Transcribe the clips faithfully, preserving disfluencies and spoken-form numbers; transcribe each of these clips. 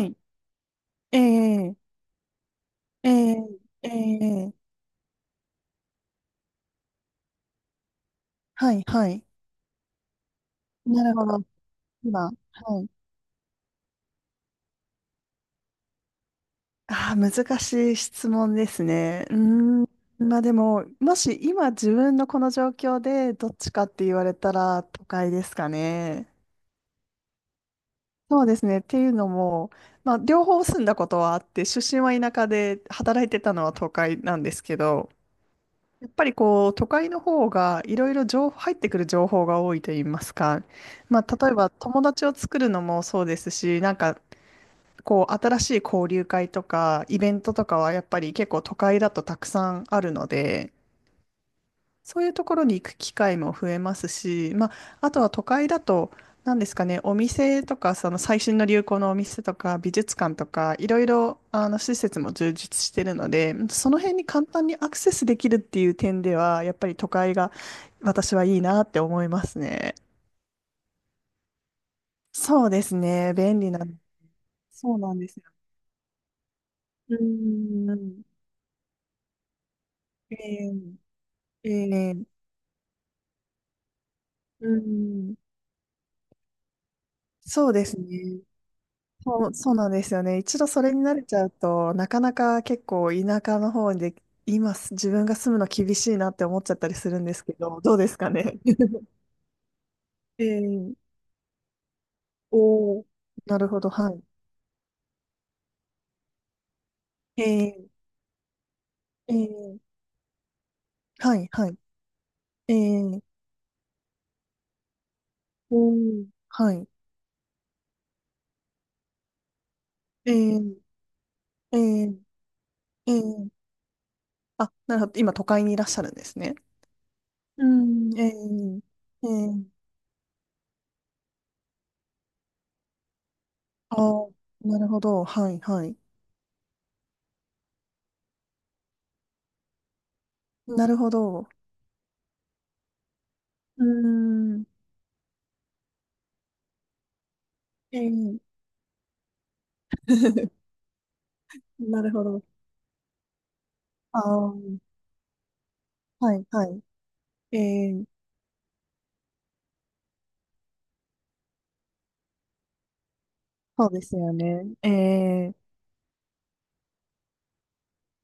はい。ええええええ、はい、はい。なるほど。今、はい。ああ、難しい質問ですね。うーん。まあでも、もし今自分のこの状況でどっちかって言われたら都会ですかね。そうですね。っていうのも、まあ両方住んだことはあって、出身は田舎で働いてたのは都会なんですけど、やっぱりこう、都会の方がいろいろ情報、入ってくる情報が多いと言いますか。まあ、例えば友達を作るのもそうですし、なんかこう、新しい交流会とかイベントとかはやっぱり結構都会だとたくさんあるので、そういうところに行く機会も増えますし、まあ、あとは都会だと、何ですかね、お店とか、その最新の流行のお店とか、美術館とか、いろいろ、あの、施設も充実してるので、その辺に簡単にアクセスできるっていう点では、やっぱり都会が私はいいなって思いますね。そうですね、便利な、そうなんですよ。うーん。えーえーうーん。そうですね。そう、そうなんですよね。一度それに慣れちゃうと、なかなか結構田舎の方で、今す自分が住むの厳しいなって思っちゃったりするんですけど、どうですかね。ええ。おー、なるほど、はい。ええ。えーはい、はい。ええ。おー。はい。ええええ。えーあ、なるほど。今、都会にいらっしゃるんですね。うん、ええ。えーあー、なるほど、はい、はい。なるほど。うーん、ええ。 なるほど。ああ、はい、はい。ええ、そうですよね。ええ、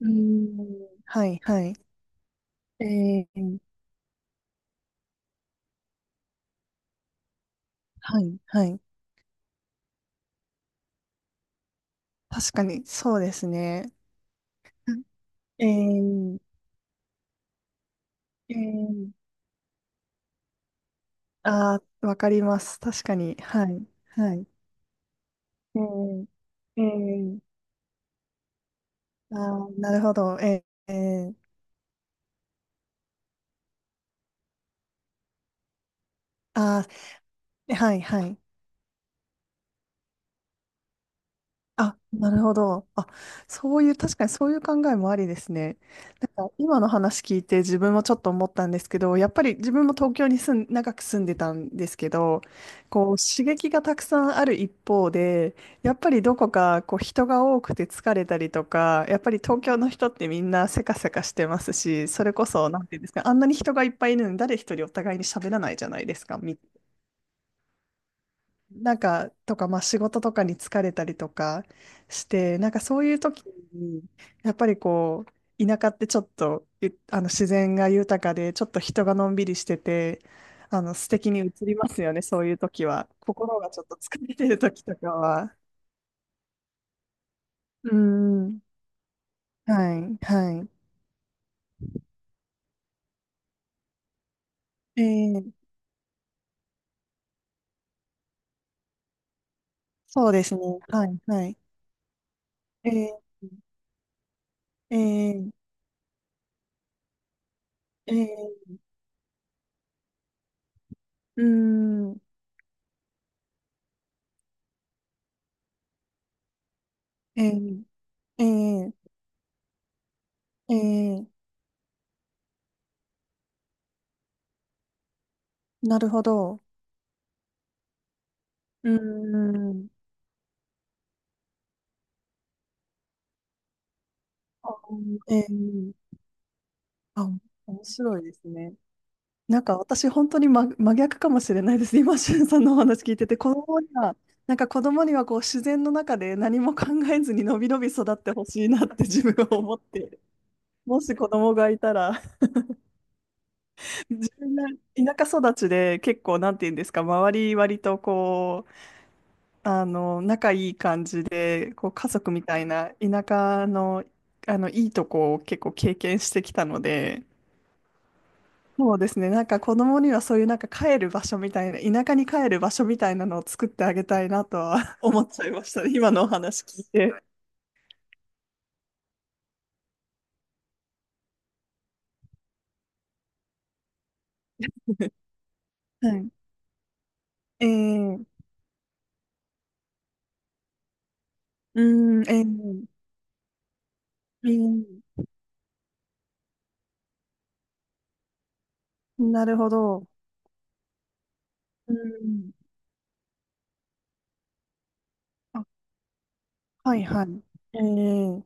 うーん、はい、はい。ええ、はい、はい。確かに、そうですね。ええ、ええ、ああ、わかります。確かに、はい、はい。ええ、ええ、ああ、なるほど。えーえー、ああ、はい、はい。あ、なるほど。あ、そういう、確かにそういう考えもありですね。なんか今の話聞いて自分もちょっと思ったんですけど、やっぱり自分も東京に住ん、長く住んでたんですけど、こう刺激がたくさんある一方で、やっぱりどこかこう人が多くて疲れたりとか、やっぱり東京の人ってみんなせかせかしてますし、それこそ、なんていうんですか、あんなに人がいっぱいいるのに誰一人お互いに喋らないじゃないですか。なんか、とか、まあ仕事とかに疲れたりとかして、なんかそういう時に、やっぱりこう、田舎ってちょっと、ゆあの自然が豊かで、ちょっと人がのんびりしてて、あの素敵に映りますよね、そういう時は。心がちょっと疲れてる時とかは。うん。はい、はい。えー、そうですね。はい、はい。えー、えー、えー、うーん。えー、えー、えー、なるほど。うーん。あ、ええ、あ、面白いですね。なんか私本当に真、真逆かもしれないです。今、しゅんさんのお話聞いてて、子供には、なんか子供にはこう自然の中で何も考えずにのびのび育ってほしいなって 自分は思っている。もし子供がいたら、自分が田舎育ちで結構なんて言うんですか、周り割とこう、あの、仲いい感じで、こう家族みたいな田舎の、あの、いいとこを結構経験してきたので、そうですね。なんか子供にはそういうなんか帰る場所みたいな、田舎に帰る場所みたいなのを作ってあげたいなとは 思っちゃいましたね。今のお話聞いて。はい。えー、うーん。えー、えーなるほど。うーん、あ、はいはい。えー、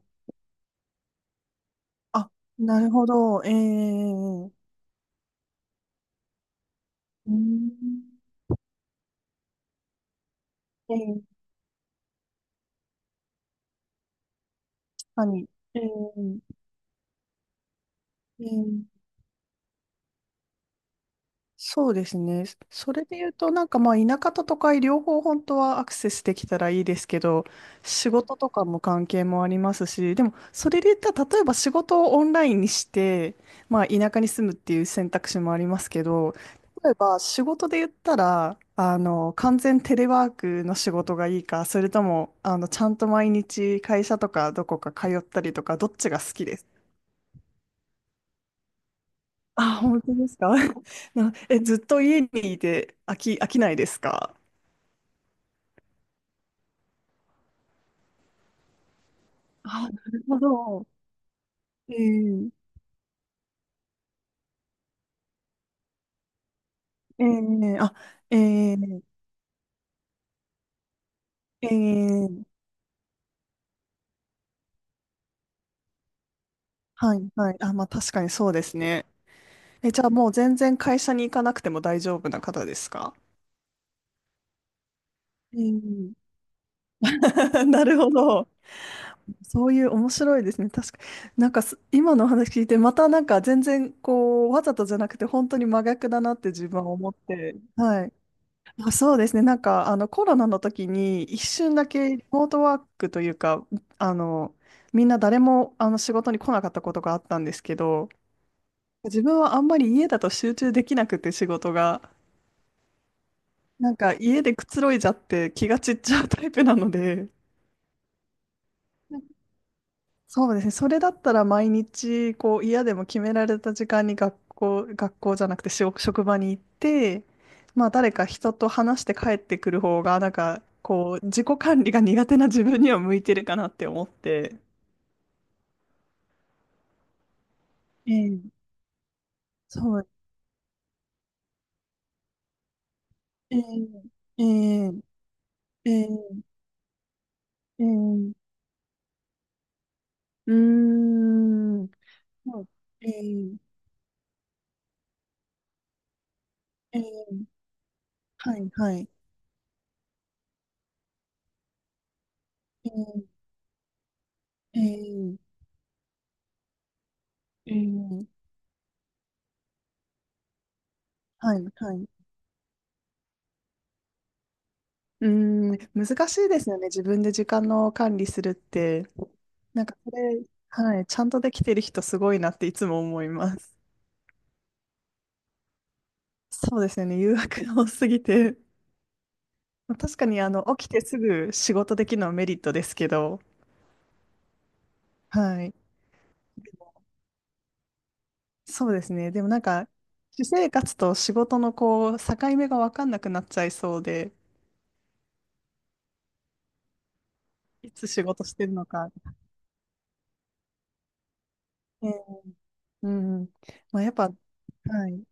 あ、なるほど。えー、うーん。えー、何えー、えーそうですね。それで言うと、なんかまあ田舎と都会両方本当はアクセスできたらいいですけど、仕事とかも関係もありますし、でもそれで言ったら例えば仕事をオンラインにして、まあ田舎に住むっていう選択肢もありますけど、例えば仕事で言ったら、あの、完全テレワークの仕事がいいか、それとも、あの、ちゃんと毎日会社とかどこか通ったりとか、どっちが好きです？あ、本当ですか？ な、え、ずっと家にいて飽き、飽きないですか？あ、なるほど。ええええ、あ、ええええ、はい、はい。あ、まあ確かにそうですね。え、じゃあもう全然会社に行かなくても大丈夫な方ですか？えん なるほど。そういう面白いですね。確かなんかす今のお話聞いて、またなんか全然こう、わざとじゃなくて本当に真逆だなって自分は思って、はい。あ、そうですね。なんか、あの、コロナの時に一瞬だけリモートワークというか、あの、みんな誰もあの仕事に来なかったことがあったんですけど、自分はあんまり家だと集中できなくて仕事が、なんか家でくつろいじゃって気が散っちゃうタイプなので、なんそうですね。それだったら毎日、こう、嫌でも決められた時間に学校、学校じゃなくて職職場に行って、まあ、誰か人と話して帰ってくる方が、なんか、こう、自己管理が苦手な自分には向いてるかなって思って。ええ、そう、ええ、ええ、ええ、ええ、うーん、そう、ええ、ええ、はい、はい、ええ、ええ、ええ、はい、はい。うーん、難しいですよね。自分で時間の管理するって。なんかそれ、はい、ちゃんとできてる人すごいなっていつも思います。そうですよね。誘惑が多すぎて。まあ確かにあの起きてすぐ仕事できるのはメリットですけど、はい。でもそうですね。でもなんか、私生活と仕事のこう、境目が分かんなくなっちゃいそうで、いつ仕事してるのか。ええ、うん。まあ、やっぱ、はい。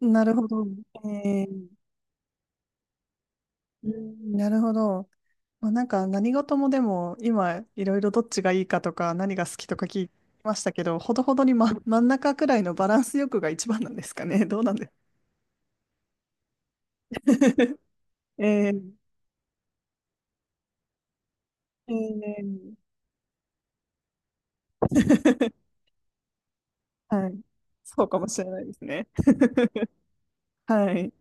なるほど。ええ、うん、なるほど。まあ、なんか何事もでも今いろいろどっちがいいかとか何が好きとか聞きましたけど、ほどほどに、ま、真ん中くらいのバランス欲が一番なんですかね。どうなんですか？ えーえー はい。そうかもしれないですね。はい。